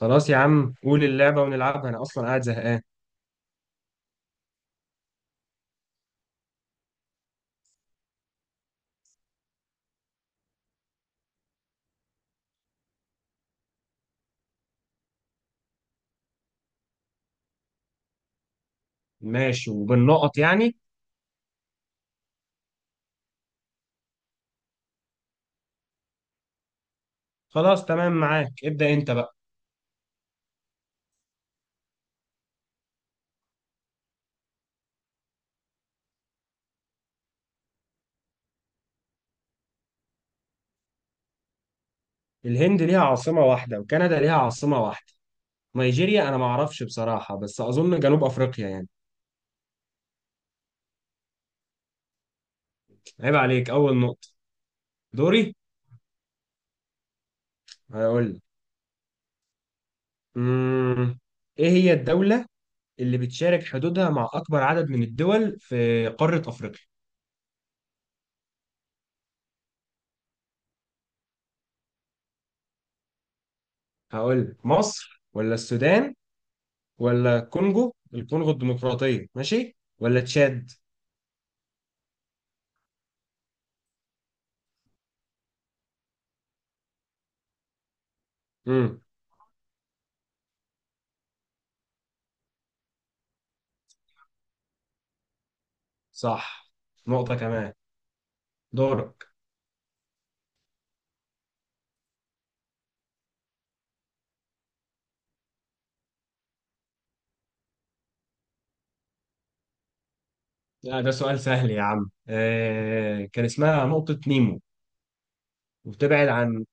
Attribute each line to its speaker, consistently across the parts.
Speaker 1: خلاص يا عم، قول اللعبة ونلعبها. أنا أصلا قاعد زهقان. ماشي، وبالنقط يعني. خلاص، تمام معاك، ابدأ أنت بقى. الهند ليها عاصمة واحدة، وكندا ليها عاصمة واحدة. نيجيريا أنا معرفش بصراحة، بس أظن جنوب أفريقيا يعني. عيب عليك، أول نقطة. دوري. هقول لك. مم. إيه هي الدولة اللي بتشارك حدودها مع أكبر عدد من الدول في قارة أفريقيا؟ هقول لك: مصر، ولا السودان، ولا الكونغو الديمقراطية، ماشي، ولا تشاد. صح. نقطة كمان. دورك. لا، ده سؤال سهل يا عم. كان اسمها نقطة نيمو. وبتبعد عن...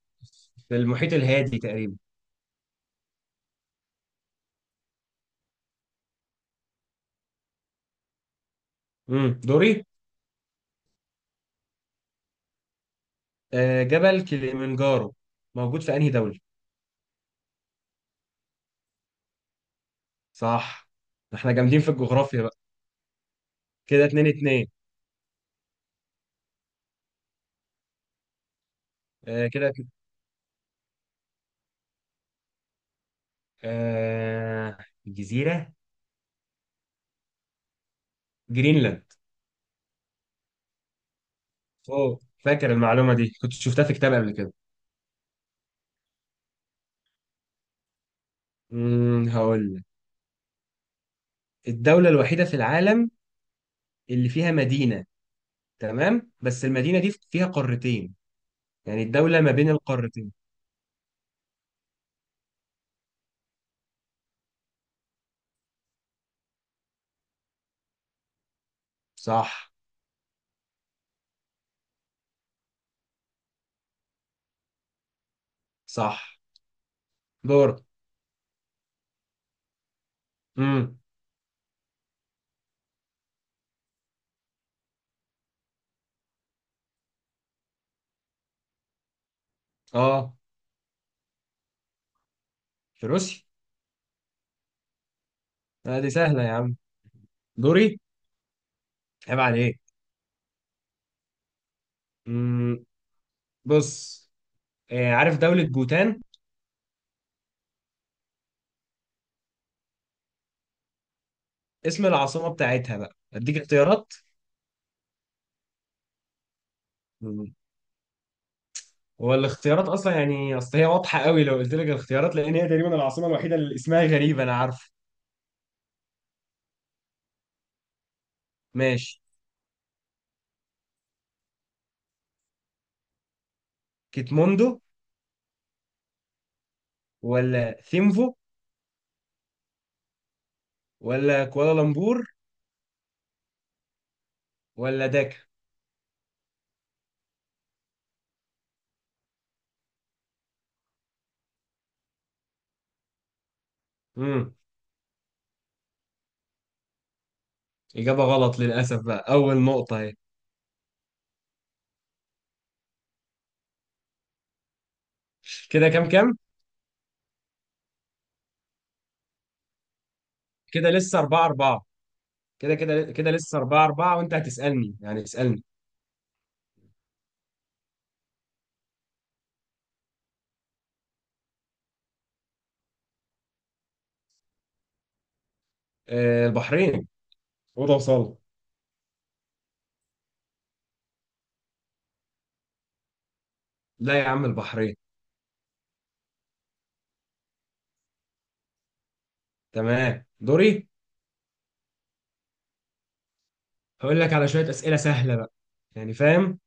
Speaker 1: في المحيط الهادي تقريبا. دوري. جبل كليمنجارو موجود في أنهي دولة؟ صح. احنا جامدين في الجغرافيا بقى. كده 2-2. آه، كده. آه جزيرة جرينلاند. اوه، فاكر المعلومة دي، كنت شفتها في كتاب قبل كده. هقول لك: الدولة الوحيدة في العالم اللي فيها مدينة، تمام، بس المدينة دي فيها قارتين. يعني الدولة ما بين القارتين. صح. صح. دور. امم اه في روسيا. آه، دي سهلة يا عم. دوري. عيب عليك. امم بص، عارف دولة بوتان؟ اسم العاصمة بتاعتها بقى، اديك اختيارات. مم. هو الاختيارات اصلا، يعني اصل هي واضحة قوي لو قلت لك الاختيارات، لان هي تقريبا العاصمة الوحيدة اللي اسمها غريب، انا عارف. ماشي. كيتموندو، ولا ثيمفو، ولا كوالالمبور، ولا داكا. مم. إجابة غلط للأسف، بقى أول نقطة أهي. كده كام كام؟ كده لسه 4-4. كده لسه 4-4، وأنت هتسألني، يعني اسألني. البحرين. أوضة وصالة. لا يا عم، البحرين. تمام، دوري. هقول لك على شوية أسئلة سهلة بقى، يعني فاهم؟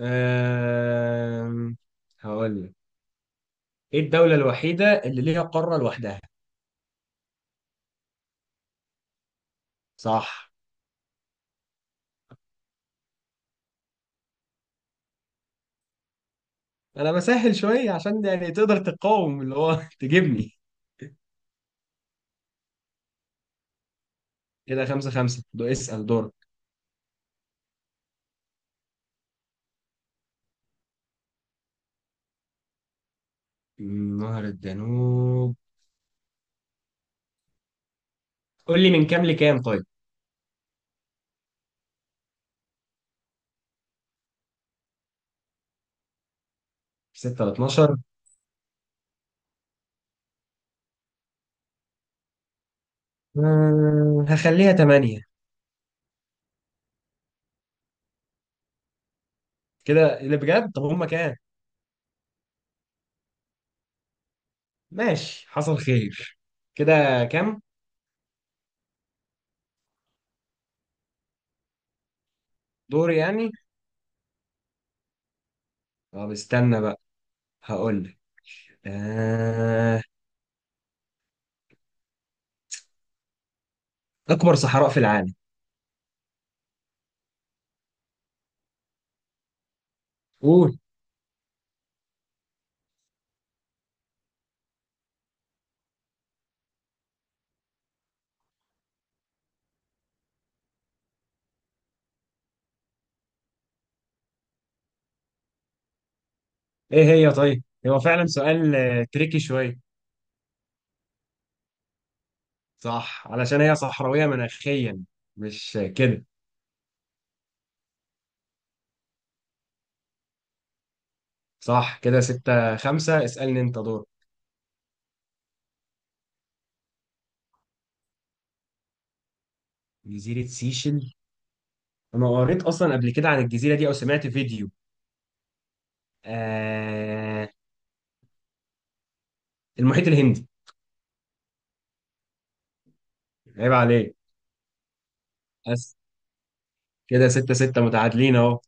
Speaker 1: آه هقول لك. إيه الدولة الوحيدة اللي ليها قارة لوحدها؟ صح. أنا بسهل شوية عشان يعني تقدر تقاوم اللي هو تجيبني. كده 5-5. اسأل، دور. نهر الدانوب. قول لي من كام لكام طيب. 6 ل 12. هخليها 8. كده اللي بجد، طب هما كام؟ ماشي، حصل خير. كده كام؟ دور يعني. طب استنى بقى، هقول لك. آه... اكبر صحراء في العالم. قول. ايه هي طيب؟ هو فعلا سؤال تريكي شويه. صح، علشان هي صحراويه مناخيا، مش كده. صح. كده 6-5. اسالني انت. دور. جزيره سيشل. انا قريت اصلا قبل كده عن الجزيره دي، او سمعت فيديو. آه. المحيط الهندي. عيب عليك. بس كده 6-6 متعادلين اهو.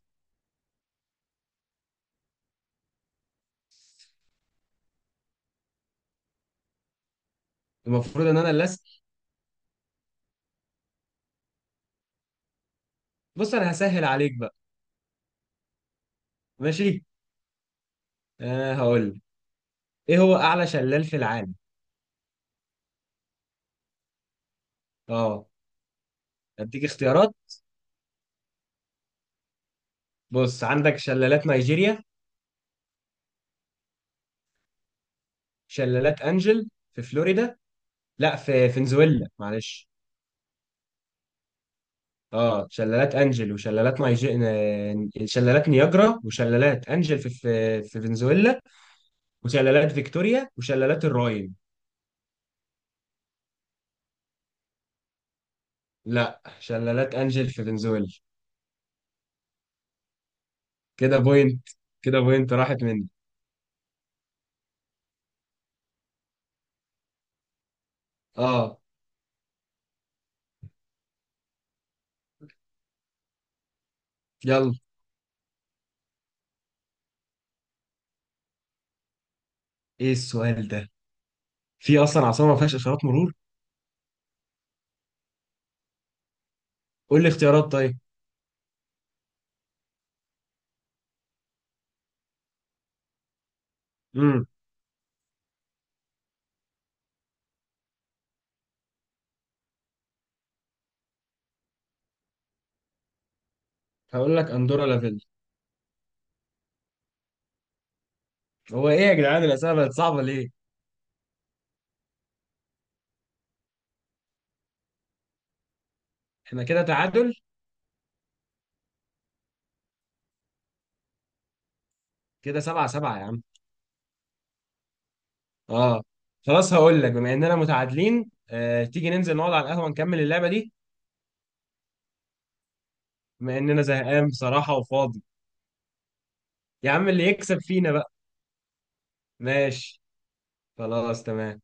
Speaker 1: المفروض ان انا اللي أسأل. بص، انا هسهل عليك بقى. ماشي. هقول لك. ايه هو اعلى شلال في العالم؟ اه. اديك اختيارات. بص، عندك شلالات نيجيريا، شلالات انجل في فلوريدا، لا في فنزويلا معلش. اه شلالات انجل وشلالات نيجي... شلالات نياجرا وشلالات انجل في فنزويلا، وشلالات فيكتوريا، وشلالات الراين. لا، شلالات انجل في فنزويلا. كده بوينت كده بوينت راحت مني. اه، يلا. ايه السؤال ده؟ في اصلا عاصمه ما فيهاش اشارات مرور؟ قول لي اختيارات طيب. امم هقول لك: اندورا لافيل. هو ايه يا جدعان، الاسئله بقت صعبه ليه؟ احنا كده تعادل. كده 7-7 يا عم. اه. خلاص، هقول لك: بما اننا متعادلين تيجي ننزل نقعد على القهوه، نكمل اللعبه دي، بما اننا زهقان بصراحه وفاضي. يا عم، اللي يكسب فينا بقى. ماشي. خلاص، تمام.